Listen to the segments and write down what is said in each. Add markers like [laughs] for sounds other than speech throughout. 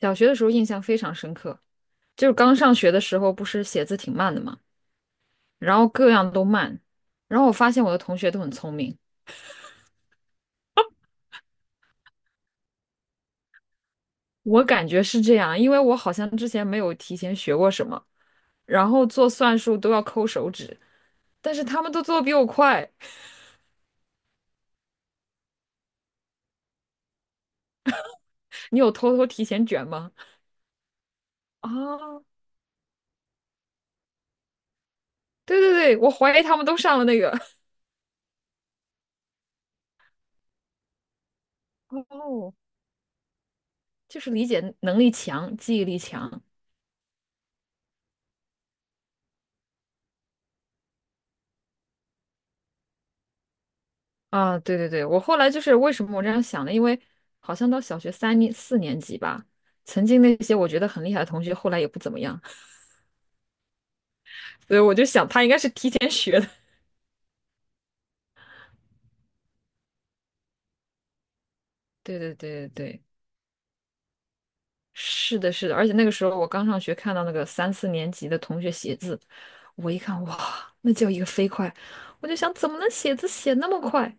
小学的时候印象非常深刻，就是刚上学的时候，不是写字挺慢的嘛，然后各样都慢，然后我发现我的同学都很聪明，我感觉是这样，因为我好像之前没有提前学过什么，然后做算术都要抠手指，但是他们都做的比我快。你有偷偷提前卷吗？啊，对对对，我怀疑他们都上了那个。[laughs] 哦，就是理解能力强，记忆力强，啊，对对对，我后来就是为什么我这样想呢？因为好像到小学三、四年级吧，曾经那些我觉得很厉害的同学，后来也不怎么样，[laughs] 所以我就想他应该是提前学的。[laughs] 对对对对对，是的，是的，而且那个时候我刚上学，看到那个三四年级的同学写字，我一看，哇，那叫一个飞快，我就想怎么能写字写那么快？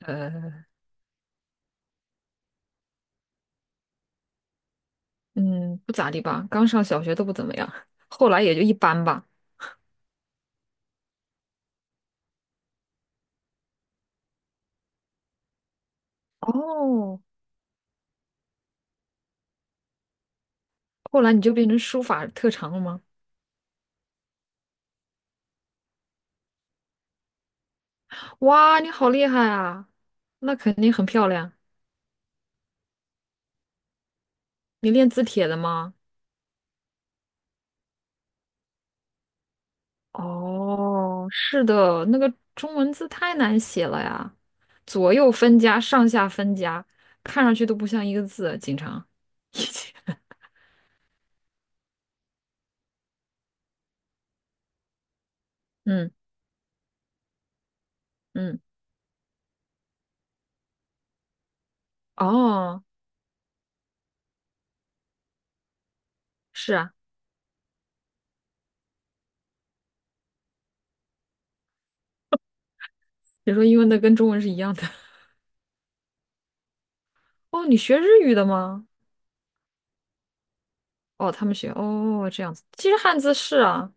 呃，嗯，不咋地吧，刚上小学都不怎么样，后来也就一般吧。哦，后来你就变成书法特长了吗？哇，你好厉害啊！那肯定很漂亮。你练字帖的吗？哦，是的，那个中文字太难写了呀，左右分家，上下分家，看上去都不像一个字啊，经常。[laughs] 嗯嗯，哦，是啊，你说英文的跟中文是一样的。[laughs] 哦，你学日语的吗？哦，他们学，哦，这样子。其实汉字是啊，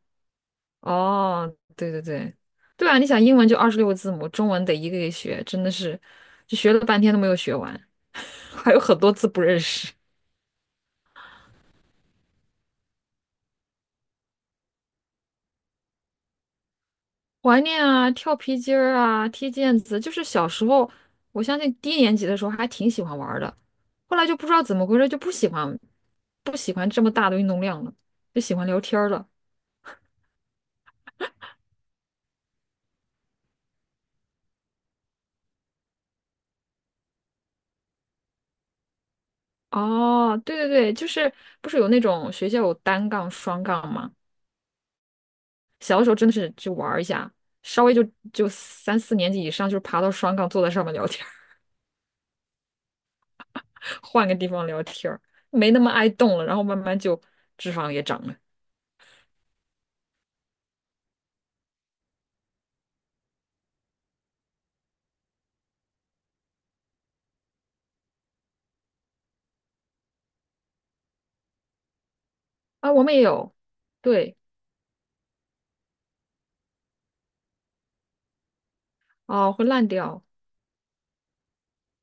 哦，对对对，对啊，你想英文就26个字母，中文得一个一个学，真的是，就学了半天都没有学完，[laughs] 还有很多字不认识。怀念啊，跳皮筋儿啊，踢毽子，就是小时候，我相信低年级的时候还挺喜欢玩儿的，后来就不知道怎么回事，就不喜欢，不喜欢这么大的运动量了，就喜欢聊天儿了。哦，对对对，就是不是有那种学校有单杠、双杠吗？小的时候真的是就玩儿一下，稍微就三四年级以上，就是爬到双杠，坐在上面聊天儿 [laughs] 换个地方聊天儿没那么爱动了，然后慢慢就脂肪也长了啊。我们也有，对，哦，会烂掉。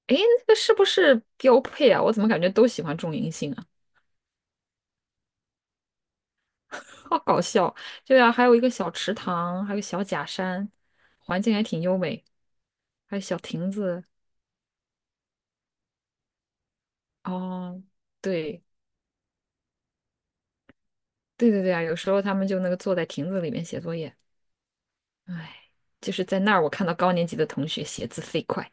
诶，那个是不是标配啊？我怎么感觉都喜欢种银杏啊？[laughs] 好搞笑。对啊，还有一个小池塘，还有小假山，环境还挺优美，还有小亭子。哦，对，对对对啊，有时候他们就那个坐在亭子里面写作业。哎，就是在那儿，我看到高年级的同学写字飞快，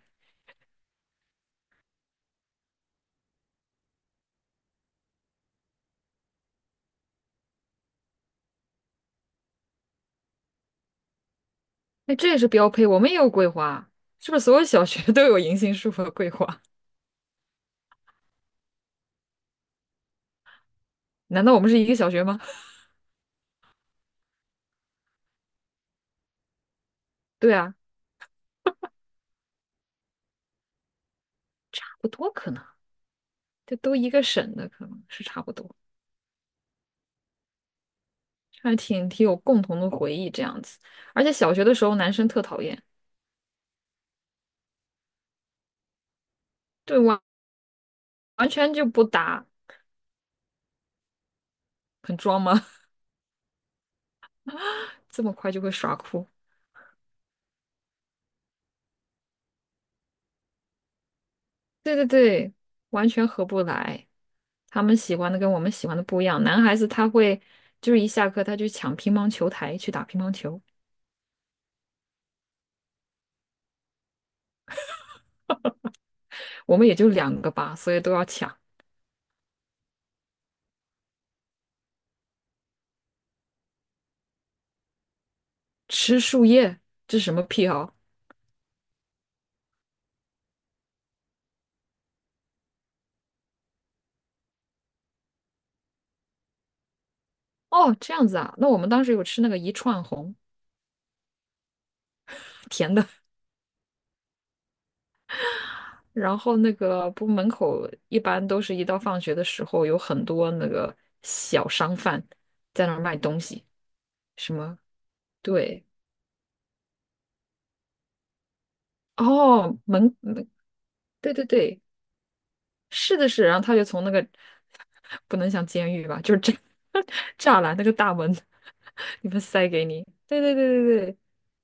那这也是标配。我们也有桂花，是不是所有小学 [laughs] 都有银杏树和桂花？难道我们是一个小学吗？对啊，差不多可能，这都一个省的，可能是差不多，还挺挺有共同的回忆这样子。而且小学的时候，男生特讨厌，对，完全就不打，很装吗？[laughs] 这么快就会耍酷。对对对，完全合不来。他们喜欢的跟我们喜欢的不一样。男孩子他会就是一下课他去抢乒乓球台去打乒乓球，我们也就两个吧，所以都要抢。吃树叶，这是什么癖好？哦，这样子啊。那我们当时有吃那个一串红，甜的。[laughs] 然后那个不门口一般都是一到放学的时候，有很多那个小商贩在那儿卖东西，什么对。哦，门，门，对对对，是的是，然后他就从那个 [laughs] 不能像监狱吧，就是栅 [laughs] 栅栏那个大门 [laughs] 里面塞给你。对对对对对，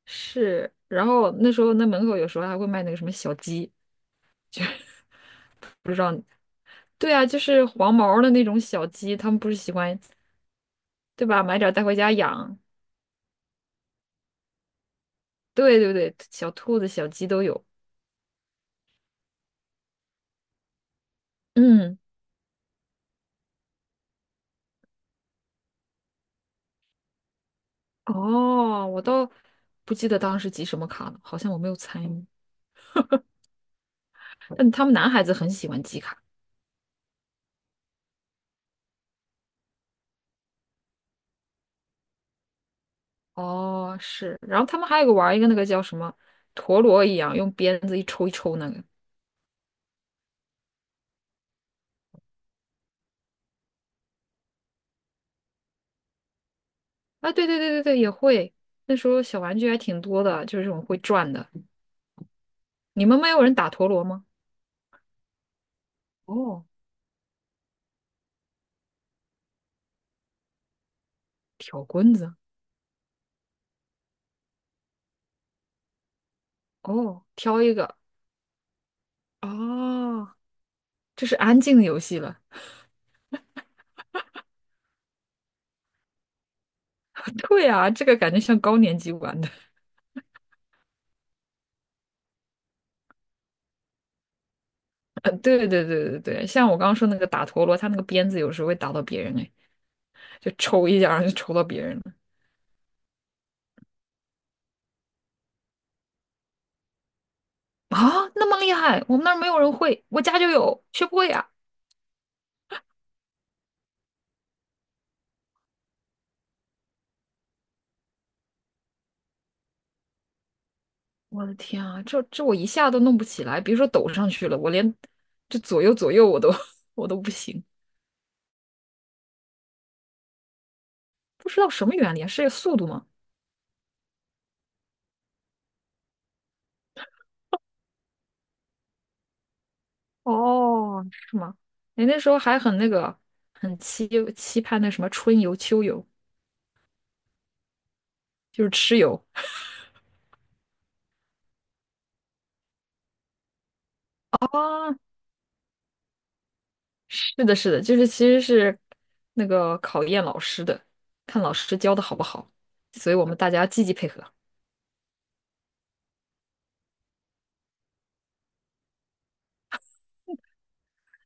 是。然后那时候那门口有时候还会卖那个什么小鸡，就 [laughs] 不知道。对啊，就是黄毛儿的那种小鸡，他们不是喜欢对吧？买点儿带回家养。对对对，小兔子、小鸡都有。嗯，哦，我倒不记得当时集什么卡了，好像我没有参与。但他们男孩子很喜欢集卡。哦，是，然后他们还有个玩儿一个那个叫什么陀螺一样，用鞭子一抽一抽那个。啊，对对对对对，也会。那时候小玩具还挺多的，就是这种会转的。你们没有人打陀螺吗？哦，挑棍子。哦，挑一个。哦，这是安静的游戏了。[laughs] 对啊，这个感觉像高年级玩的。[laughs] 对对对对对，像我刚刚说那个打陀螺，他那个鞭子有时候会打到别人，哎，就抽一下，然后就抽到别人了。啊，那么厉害，我们那儿没有人会，我家就有，学不会啊我的天啊，这我一下都弄不起来，别说抖上去了，我连这左右左右我都 [laughs] 我都不行，不知道什么原理啊，是速度吗？是吗？你那时候还很那个，很期盼那什么春游、秋游，就是吃游啊。是的，是的，就是其实是那个考验老师的，看老师教的好不好，所以我们大家积极配合。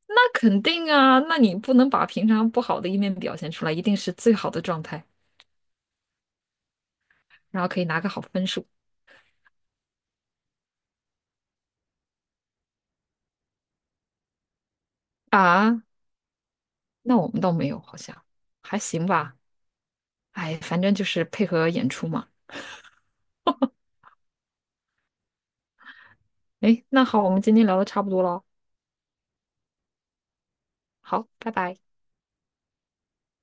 那肯定啊，那你不能把平常不好的一面表现出来，一定是最好的状态，然后可以拿个好分数啊。那我们倒没有，好像还行吧。哎，反正就是配合演出嘛。哎，那好，我们今天聊的差不多了哦，好，拜拜。